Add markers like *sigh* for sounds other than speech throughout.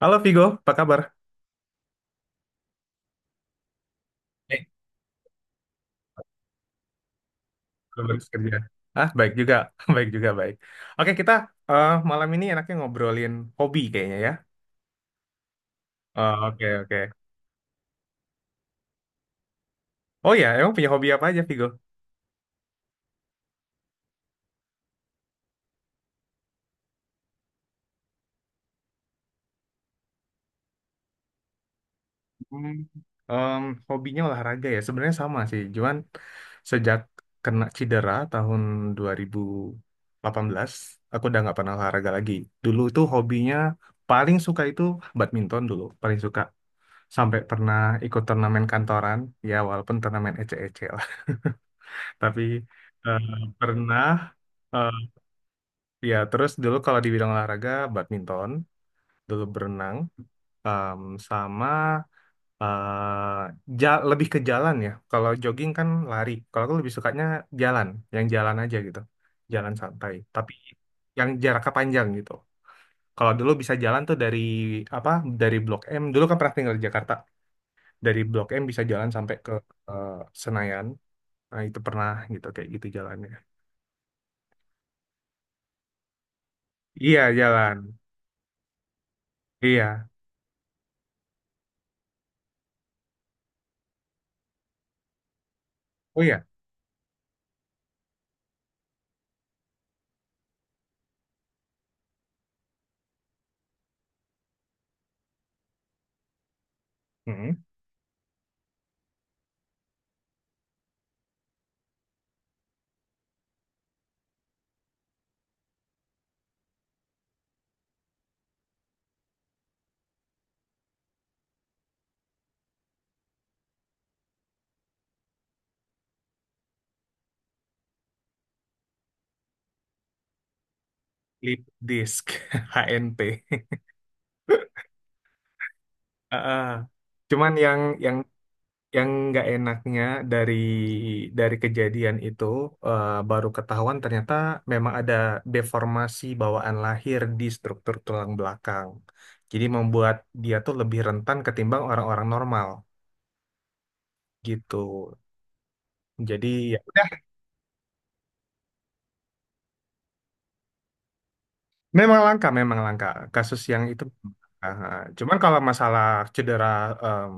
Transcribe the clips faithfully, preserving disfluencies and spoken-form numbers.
Halo Vigo, apa kabar? Eh, gua baru kerja. Ah, baik juga, *laughs* baik juga, baik. Oke, kita eh, malam ini enaknya ngobrolin hobi kayaknya ya. Eh, Oke, oke. Oh ya, emang punya hobi apa aja Vigo? Hmm, em, hobinya olahraga ya, sebenarnya sama sih. Cuman sejak kena cedera tahun dua ribu delapan belas, aku udah nggak pernah olahraga lagi. Dulu tuh hobinya paling suka itu badminton dulu, paling suka. Sampai pernah ikut turnamen kantoran, ya walaupun turnamen ece-ece lah, *laughs* tapi eh, pernah eh, ya terus dulu kalau di bidang olahraga badminton dulu berenang, em, sama eh, ja- lebih ke jalan ya, kalau jogging kan lari, kalau aku lebih sukanya jalan, yang jalan aja gitu, jalan santai tapi yang jaraknya panjang gitu. Kalau dulu bisa jalan tuh dari apa, dari Blok M, dulu kan pernah tinggal di Jakarta. Dari Blok M bisa jalan sampai ke eh, Senayan. Nah, itu pernah gitu kayak gitu jalannya. Iya, jalan. Iya. Oh iya. Mm-mm. Lip disk *laughs* H N P. Heeh. Cuman yang yang yang nggak enaknya dari dari kejadian itu, eh, baru ketahuan ternyata memang ada deformasi bawaan lahir di struktur tulang belakang. Jadi membuat dia tuh lebih rentan ketimbang orang-orang normal gitu. Jadi ya udah. Memang langka, memang langka. Kasus yang itu. Ah, ah. Cuman kalau masalah cedera, em,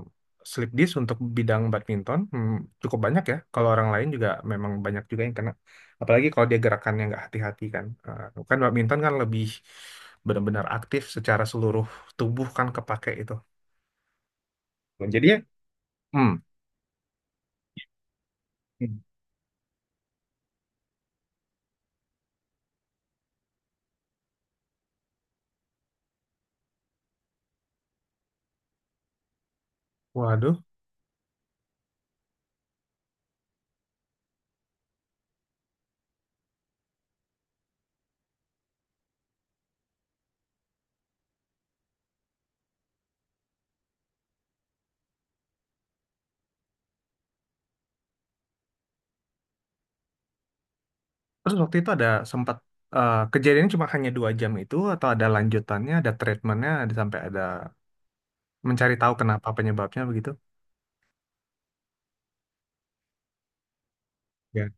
slip disc untuk bidang badminton, hmm, cukup banyak ya. Kalau orang lain juga memang banyak juga yang kena. Apalagi kalau dia gerakannya nggak hati-hati kan. Eh, kan badminton kan lebih benar-benar aktif secara seluruh tubuh kan kepake itu. Jadi ya, hmm. Hmm. Waduh. Terus waktu itu ada sempat eh, kejadiannya cuma hanya dua jam itu, atau ada lanjutannya, ada treatmentnya, ada sampai ada mencari tahu kenapa penyebabnya begitu. Ya,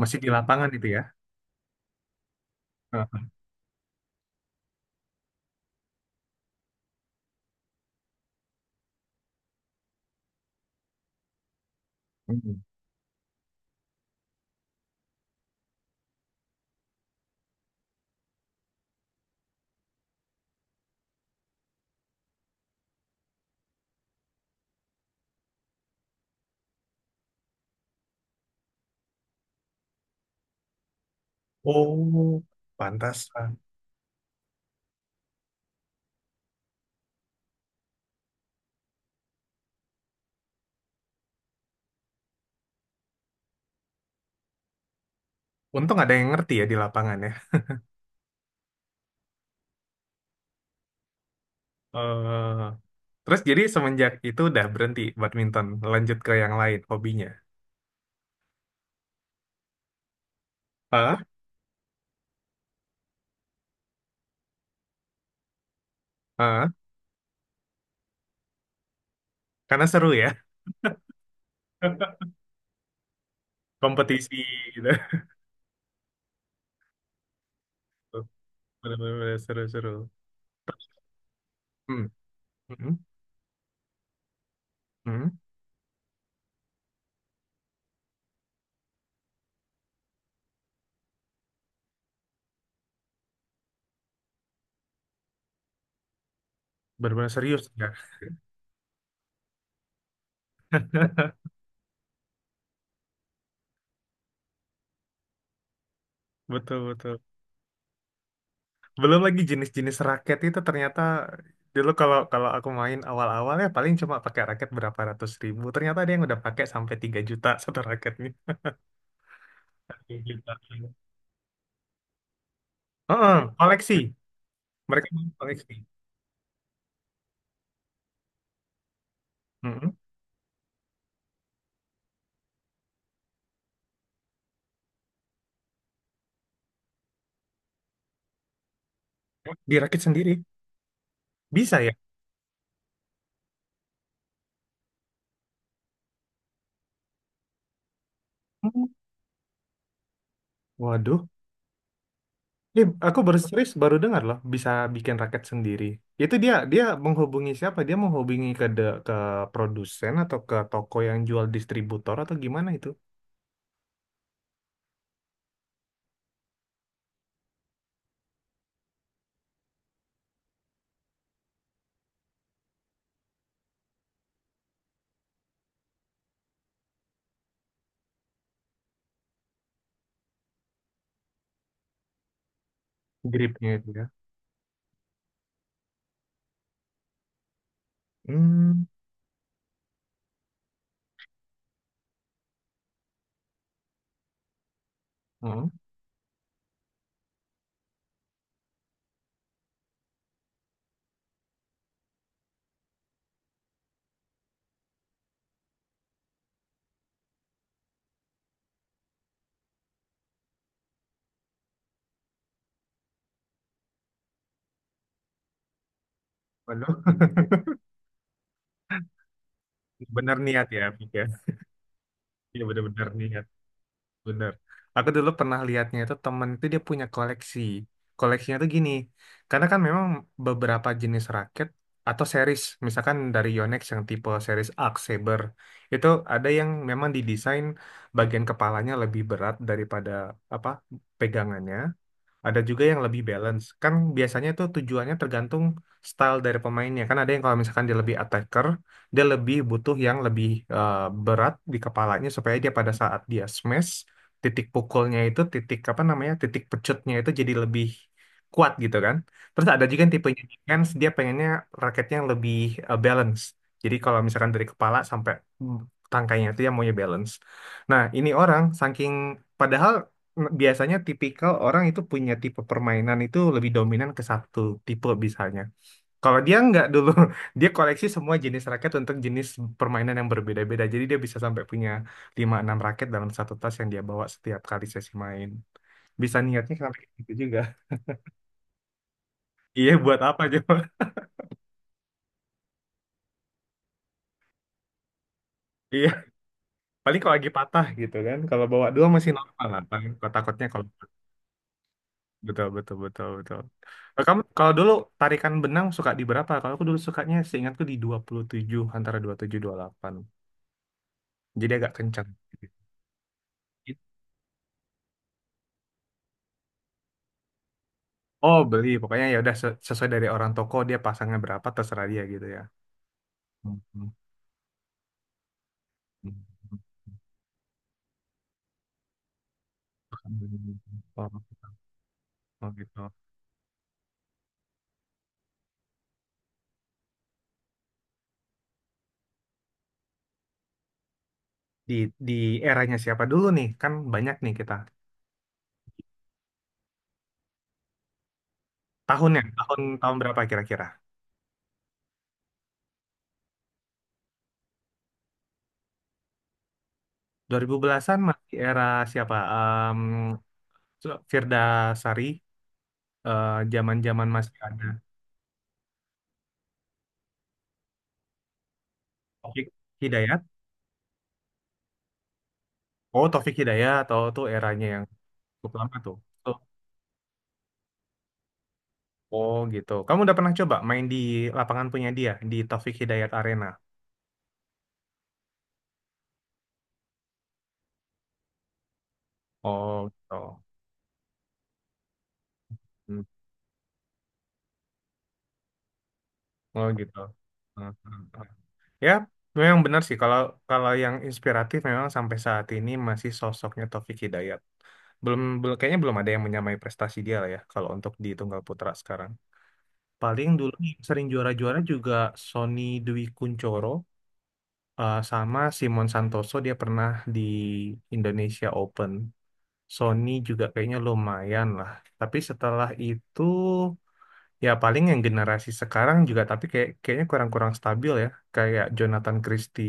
masih di lapangan itu ya. Heeh. Hmm. Oh, pantasan. Untung ada yang ngerti ya di lapangan ya. Eh, terus jadi semenjak itu udah berhenti badminton, lanjut ke yang lain hobinya. Heeh, heeh. Karena seru ya, *laughs* kompetisi gitu. Bener-bener seru-seru. Hmm, hmm, hmm. Bener-bener serius ya. *laughs* Betul-betul. Belum lagi jenis-jenis raket itu ternyata, dulu kalau kalau aku main awal-awal, ya paling cuma pakai raket berapa ratus ribu, ternyata ada yang udah pakai sampai tiga juta *laughs* satu raketnya. tiga juta. Heeh, koleksi, mereka main koleksi. Mm-mm. Dirakit sendiri, bisa ya. Hmm. Waduh, ini aku baru serius baru dengar loh bisa bikin raket sendiri. Itu dia dia menghubungi siapa, dia menghubungi ke de- ke produsen atau ke toko yang jual distributor atau gimana itu. Gripnya itu ya. Hmm. Bener, *laughs* bener niat ya, Fik, ya. Iya bener-bener niat, bener. Aku dulu pernah lihatnya itu, temen itu dia punya koleksi. Koleksinya tuh gini, karena kan memang beberapa jenis raket atau series, misalkan dari Yonex yang tipe series Arc Saber, itu ada yang memang didesain bagian kepalanya lebih berat daripada apa, pegangannya. Ada juga yang lebih balance. Kan biasanya tuh tujuannya tergantung style dari pemainnya. Kan ada yang kalau misalkan dia lebih attacker, dia lebih butuh yang lebih eh, berat di kepalanya supaya dia pada saat dia smash, titik pukulnya itu, titik apa namanya, titik pecutnya itu jadi lebih kuat gitu kan. Terus ada juga yang tipenya defense, dia pengennya raketnya yang lebih eh, balance. Jadi kalau misalkan dari kepala sampai mm, tangkainya itu yang maunya balance. Nah, ini orang saking padahal, nah, biasanya tipikal orang itu punya tipe permainan itu lebih dominan ke satu tipe misalnya. Kalau dia nggak dulu, *laughs* dia koleksi semua jenis raket untuk jenis permainan yang berbeda-beda. Jadi dia bisa sampai punya lima enam raket dalam satu tas yang dia bawa setiap kali sesi main. Bisa niatnya sampai kayak gitu juga. *laughs* Iya, buat apa coba? *laughs* Iya, paling kalau lagi patah gitu kan. Kalau bawa dua masih normal lah, paling kotak-kotaknya kalau. Betul, betul, betul, betul. Eh, Kamu kalau dulu tarikan benang suka di berapa? Kalau aku dulu sukanya seingatku di dua puluh tujuh, antara dua dua puluh tujuh dua puluh delapan. Jadi agak kencang. Oh, beli. Pokoknya ya udah se- sesuai dari orang toko, dia pasangnya berapa terserah dia gitu ya. Hmm, hmm, hmm. Oh, oh gitu. Di di eranya siapa dulu nih? Kan banyak nih kita. Tahunnya, tahun tahun berapa kira-kira? Dua ribu belasan masih era siapa? Em, Firda Sari, eh, zaman-zaman masih ada Taufik Hidayat. Oh, Taufik Hidayat atau tuh eranya yang cukup lama tuh. Tuh. Oh, gitu. Kamu udah pernah coba main di lapangan punya dia di Taufik Hidayat Arena? Oh, gitu. Hmm. Oh, gitu. Hmm, hmm, hmm. Ya, memang benar sih kalau kalau yang inspiratif memang sampai saat ini masih sosoknya Taufik Hidayat. Belum, belum kayaknya belum ada yang menyamai prestasi dia lah ya kalau untuk di Tunggal Putra sekarang. Paling dulu yang sering juara-juara juga Sony Dwi Kuncoro, Eh, sama Simon Santoso, dia pernah di Indonesia Open. Sony juga kayaknya lumayan lah. Tapi setelah itu ya paling yang generasi sekarang juga, tapi kayak kayaknya kurang-kurang stabil ya. Kayak Jonathan Christie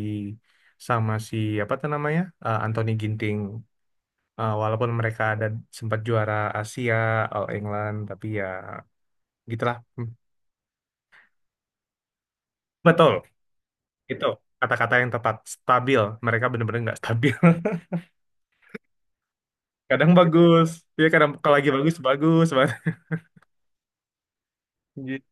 sama si apa tuh namanya? Eh, Anthony Ginting. Eh, walaupun mereka ada sempat juara Asia, All England, tapi ya gitulah. Hmm. Betul, itu kata-kata yang tepat. Stabil. Mereka bener-bener nggak stabil. *laughs* Kadang bagus, ya kadang kalau lagi bagus bagus banget. Gitu.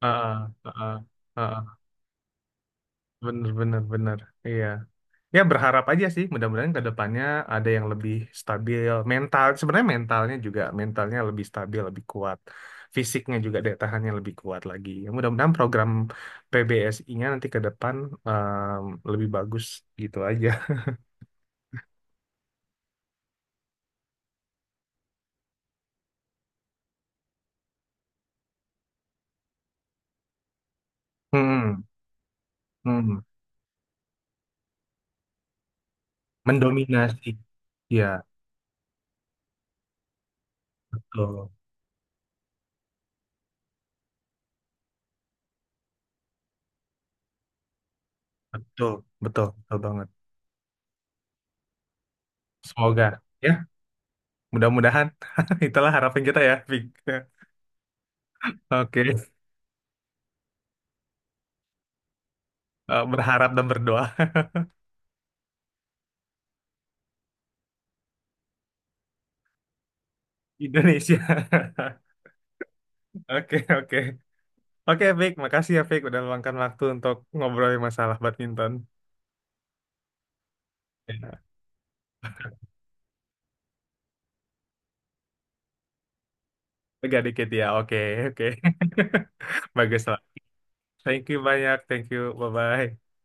Ah, ah, ah, ah. Bener bener bener. Iya, ya berharap aja sih mudah-mudahan ke depannya ada yang lebih stabil mental, sebenarnya mentalnya juga mentalnya lebih stabil lebih kuat, fisiknya juga daya tahannya lebih kuat lagi ya, mudah-mudahan program P B S I-nya nanti ke depan, em, lebih bagus gitu aja. *laughs* Hmm, hmm. Mendominasi ya. Betul, betul betul betul banget. Semoga ya. Mudah-mudahan *laughs* itulah harapan kita ya, Vic. Oke. Eh, berharap dan berdoa. Indonesia. *laughs* Oke, oke. Oke, Vic, makasih ya, Vic, udah meluangkan waktu untuk ngobrolin masalah badminton. Ya, agak dikit ya. Oke, oke. *laughs* Bagus lah. Thank you banyak. Thank you. Bye-bye.